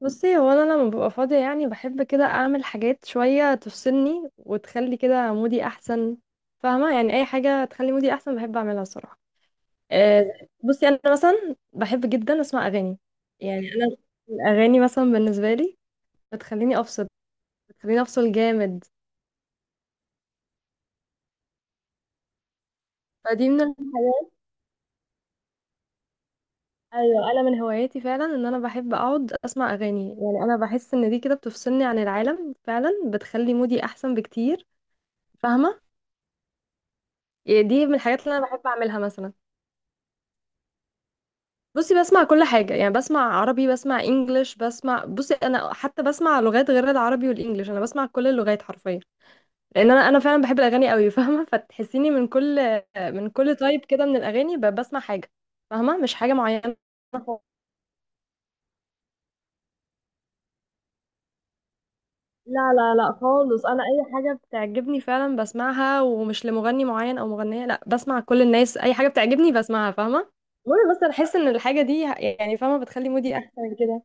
بصي، هو انا لما ببقى فاضيه، يعني بحب كده اعمل حاجات شويه تفصلني وتخلي كده مودي احسن. فاهمه؟ يعني اي حاجه تخلي مودي احسن بحب اعملها الصراحه. آه، بصي انا مثلا بحب جدا اسمع اغاني. يعني الاغاني مثلا بالنسبه لي بتخليني افصل، بتخليني افصل جامد. فدي من الحاجات. ايوه، انا من هواياتي فعلا ان انا بحب اقعد اسمع اغاني. يعني انا بحس ان دي كده بتفصلني عن العالم فعلا، بتخلي مودي احسن بكتير. فاهمه؟ يعني دي من الحاجات اللي انا بحب اعملها مثلا. بصي، بسمع كل حاجة. يعني بسمع عربي، بسمع انجليش، بصي انا حتى بسمع لغات غير العربي والانجليش. انا بسمع كل اللغات حرفيا، لان انا فعلا بحب الاغاني قوي. فاهمة؟ فتحسيني من كل تايب كده من الاغاني، بسمع حاجة. فاهمة؟ مش حاجة معينة خالص. لا لا لا خالص، انا اي حاجة بتعجبني فعلا بسمعها، ومش لمغني معين او مغنية، لا، بسمع كل الناس. اي حاجة بتعجبني بسمعها. فاهمة؟ المهم بس انا احس ان الحاجة دي، يعني فاهمة، بتخلي مودي احسن كده.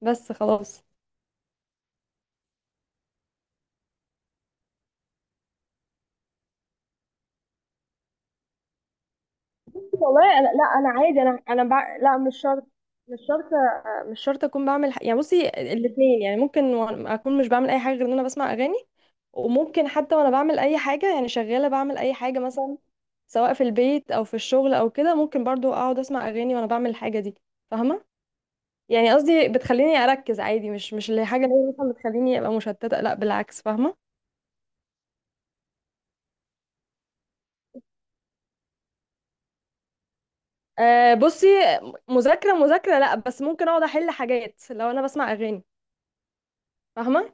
بس خلاص. والله أنا، لا، أنا عادي، لا، مش شرط. مش شرط، مش شرط أكون بعمل يعني بصي، الاتنين. يعني ممكن أكون مش بعمل أي حاجة غير إن أنا بسمع أغاني، وممكن حتى وأنا بعمل أي حاجة، يعني شغالة بعمل أي حاجة مثلا، سواء في البيت أو في الشغل أو كده، ممكن برضو أقعد أسمع أغاني وأنا بعمل الحاجة دي. فاهمة؟ يعني قصدي بتخليني أركز عادي، مش اللي حاجة اللي هي مثلا بتخليني أبقى مشتتة، لا بالعكس. فاهمة؟ أه، بصي، مذاكرة مذاكرة لا، بس ممكن أقعد أحل حاجات لو أنا بسمع أغاني. فاهمة؟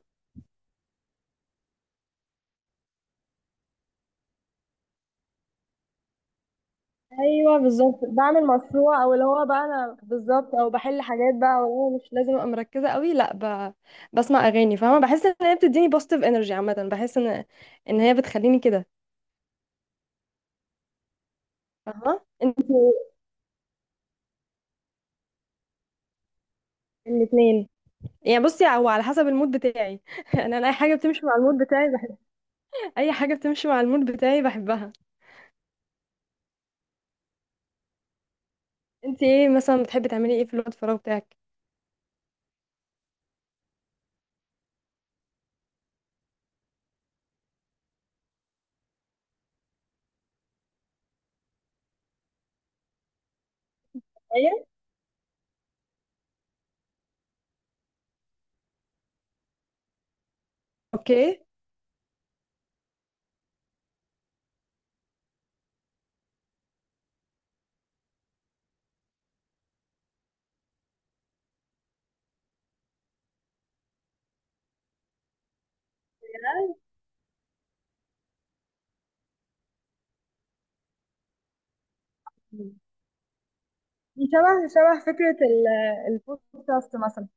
ايوه بالظبط، بعمل مشروع او اللي هو بقى انا بالظبط او بحل حاجات بقى، والله مش لازم ابقى مركزه قوي، لا، بسمع اغاني. فاهمه؟ بحس ان هي بتديني بوزيتيف انرجي عامه. بحس ان هي بتخليني كده. فاهمه؟ انت، الاثنين. يعني بصي، هو على حسب المود بتاعي. يعني انا اي حاجه بتمشي مع المود بتاعي بحبها، اي حاجه بتمشي مع المود بتاعي بحبها. انت ايه مثلا، بتحبي تعملي ايه في الوقت الفراغ بتاعك؟ ايه؟ اوكي. دي شبه فكرة البودكاست مثلا.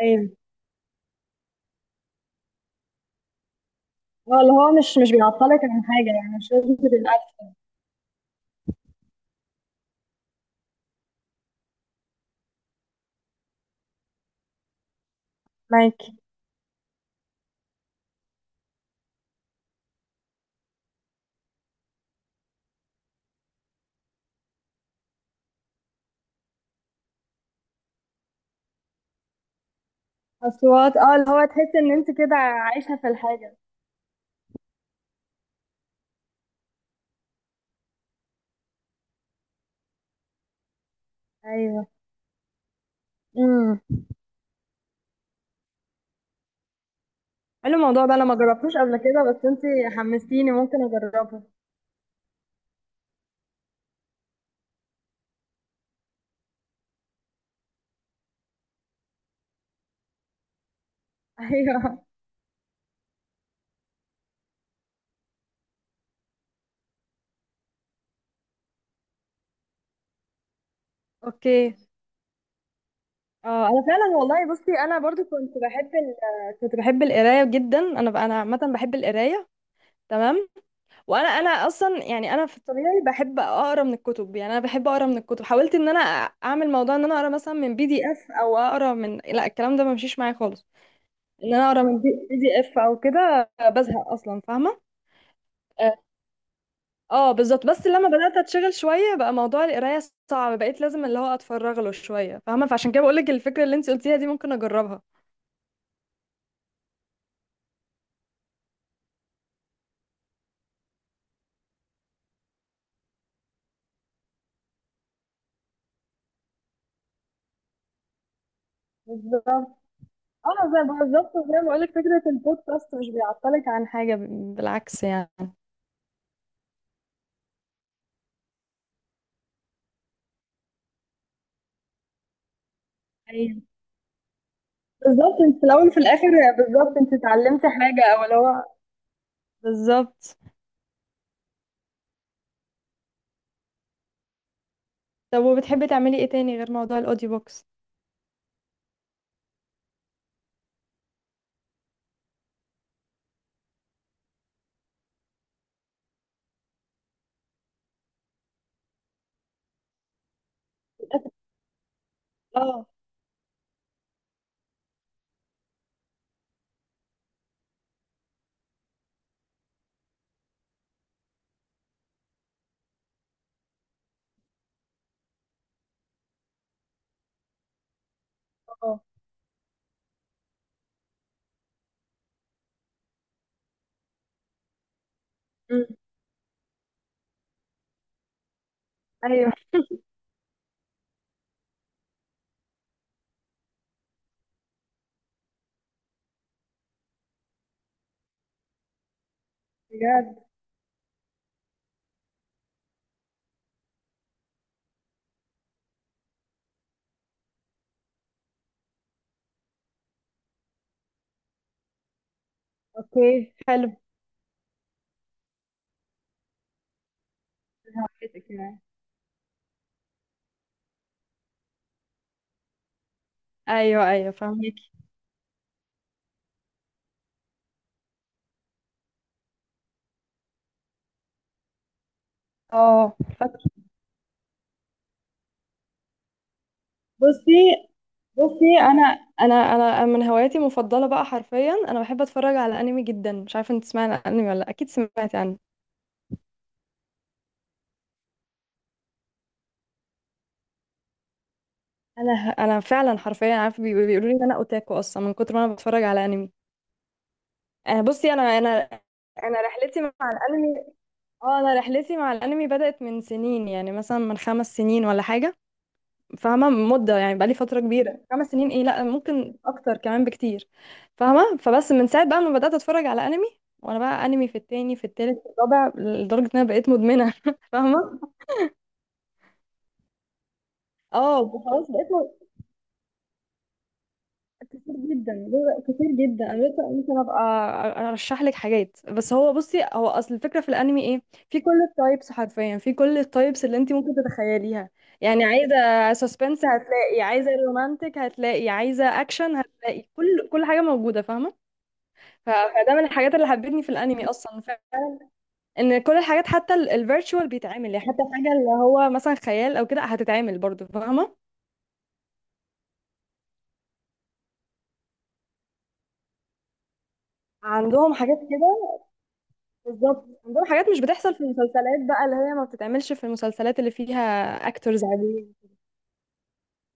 ايوه، اه، اللي هو مش بيعطلك عن حاجة، يعني مش لازم تبقى الأكل معاكي. أصوات، اه، اللي هو تحس إن أنت كده عايشة في الحاجة. أيوه. امم حلو الموضوع ده، أنا ما جربتوش قبل كده، بس أنت حمستيني، ممكن أجربه. أيوه. أوكي. اه، انا فعلا والله، بصي انا برضو كنت بحب القرايه جدا. انا عامه بحب القرايه. تمام. وانا انا اصلا يعني انا في الطبيعي بحب اقرا من الكتب. يعني انا بحب اقرا من الكتب. حاولت ان انا اعمل موضوع ان انا اقرا مثلا من PDF او اقرا من، لا، الكلام ده ما مشيش معايا خالص. ان انا اقرا من PDF او كده بزهق اصلا. فاهمه؟ اه، آه، بالظبط. بس لما بدات اتشغل شويه بقى موضوع القرايه صعب، بقيت لازم اللي هو اتفرغ له شويه. فاهمه؟ فعشان كده بقول لك الفكره اللي انت قلتيها دي ممكن اجربها. بالظبط. اه، زي بالظبط زي ما بقول لك، فكره البودكاست مش بيعطلك عن حاجه، بالعكس يعني. أيوة. بالضبط، أنتِ في الأول وفي الآخر بالضبط أنتِ اتعلمتِ حاجة، أو اللي هو بالظبط. طب وبتحبي تعملي ايه تاني غير موضوع الاوديو بوكس؟ آه، آه، إمم، أيوه بجد. أوكي حلو. فهمتِك يعني. ايوه، ايوه، فهميكي. اه فاكرة. بُصّي، بُصّي. أنا انا انا من هواياتي المفضله بقى، حرفيا انا بحب اتفرج على انمي جدًا. مش عارفه انت تسمعي عن الانمي والّا لأ؟ اكيد سمعتي عنه. انا فعلًا حرفيا عارفه، بيقولوا لي ان انا اوتاكو اصلا من كتر ما انا باتفرج على انمي. آه، بصي انا رحلتي مع الانمي. اه، انا رحلتي مع الانمي بدأت من سنين، يعني مثلا من 5 سنين ولا حاجه. فاهمه مده؟ يعني بقالي فتره كبيره، 5 سنين، ايه لا، ممكن اكتر كمان بكتير. فاهمه؟ فبس من ساعه بقى ما بدأت اتفرج على انمي، وانا بقى انمي في التاني، في التالت، في الرابع، لدرجه ان انا بقيت مدمنه. فاهمه؟ اه خلاص بقيت. كتير جدا، كتير جدا. انا لسه ممكن ابقى ارشح لك حاجات، بس هو بصي، هو اصل الفكره في الانمي ايه، في كل التايبس حرفيا، في كل التايبس اللي انت ممكن تتخيليها. يعني عايزه سسبنس هتلاقي، عايزه رومانتك هتلاقي، عايزه اكشن هتلاقي، كل حاجه موجوده. فاهمه؟ فده من الحاجات اللي حبتني في الانمي اصلا، ان كل الحاجات حتى الفيرتشوال بيتعمل، يعني حتى الحاجه اللي هو مثلا خيال او كده هتتعمل برضه. فاهمه؟ عندهم حاجات كده. بالظبط، عندهم حاجات مش بتحصل في المسلسلات بقى، اللي هي ما بتتعملش في المسلسلات اللي فيها اكتورز عاديين.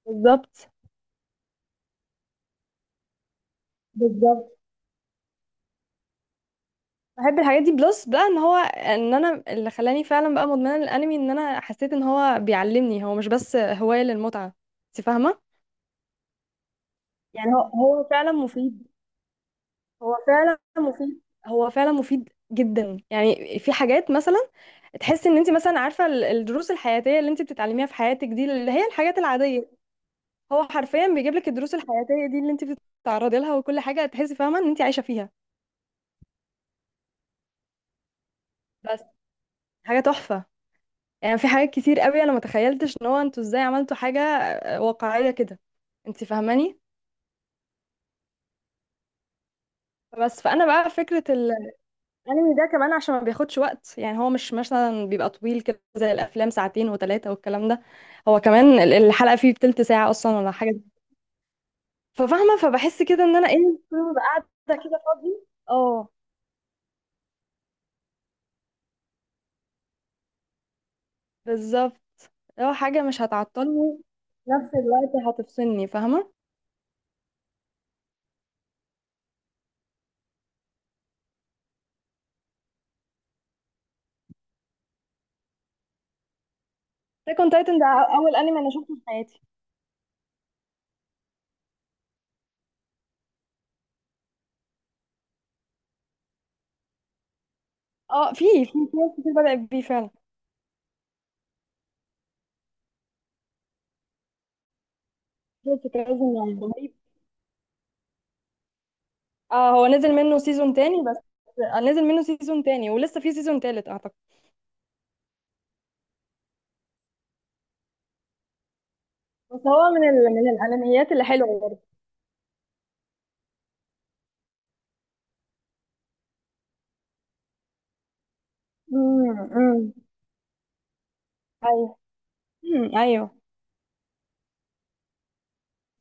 بالظبط، بالظبط. بحب الحاجات دي، بلس بقى ان هو، ان انا اللي خلاني فعلا بقى مدمنه للانمي، ان انا حسيت ان هو بيعلمني، هو مش بس هوايه للمتعه. انت فاهمه؟ يعني هو فعلا مفيد، هو فعلا مفيد، هو فعلا مفيد جدا. يعني في حاجات مثلا، تحس ان انت مثلا عارفه الدروس الحياتيه اللي انت بتتعلميها في حياتك دي، اللي هي الحاجات العاديه، هو حرفيا بيجيب لك الدروس الحياتيه دي اللي انت بتتعرضي لها، وكل حاجه تحسي، فاهمه، ان انت عايشه فيها. بس حاجه تحفه. يعني في حاجات كتير قوي انا ما تخيلتش ان هو انتوا ازاي عملتوا حاجه واقعيه كده. انت فاهماني؟ بس فانا بقى فكره الانمي ده كمان عشان ما بياخدش وقت. يعني هو مش مثلا بيبقى طويل كده زي الافلام، ساعتين وثلاثه والكلام ده. هو كمان الحلقه فيه بتلت ساعه اصلا ولا حاجه. ففاهمه؟ فبحس كده ان انا ايه، طول ما ببقى قاعده كده فاضيه، اه بالظبط، لو حاجة مش هتعطلني في نفس الوقت هتفصلني. فاهمة؟ تكون تايتن ده أول أنمي أنا شفته في حياتي. اه، في ناس كتير بدأت بيه فعلا. شفت كذا. يعني رهيب. اه، هو نزل منه سيزون تاني بس. آه، نزل منه سيزون تاني، ولسه في سيزون تالت أعتقد. بس هو من الأنميات اللي حلوة برضه. امم، امم، ايوه، امم، ايوه،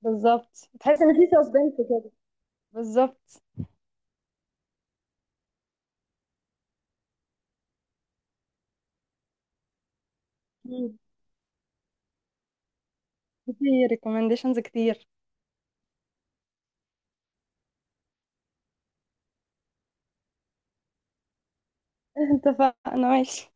بالظبط. تحس ان في سسبنس كده. بالظبط. مم. في ريكومنديشنز كتير. اتفقنا، ماشي.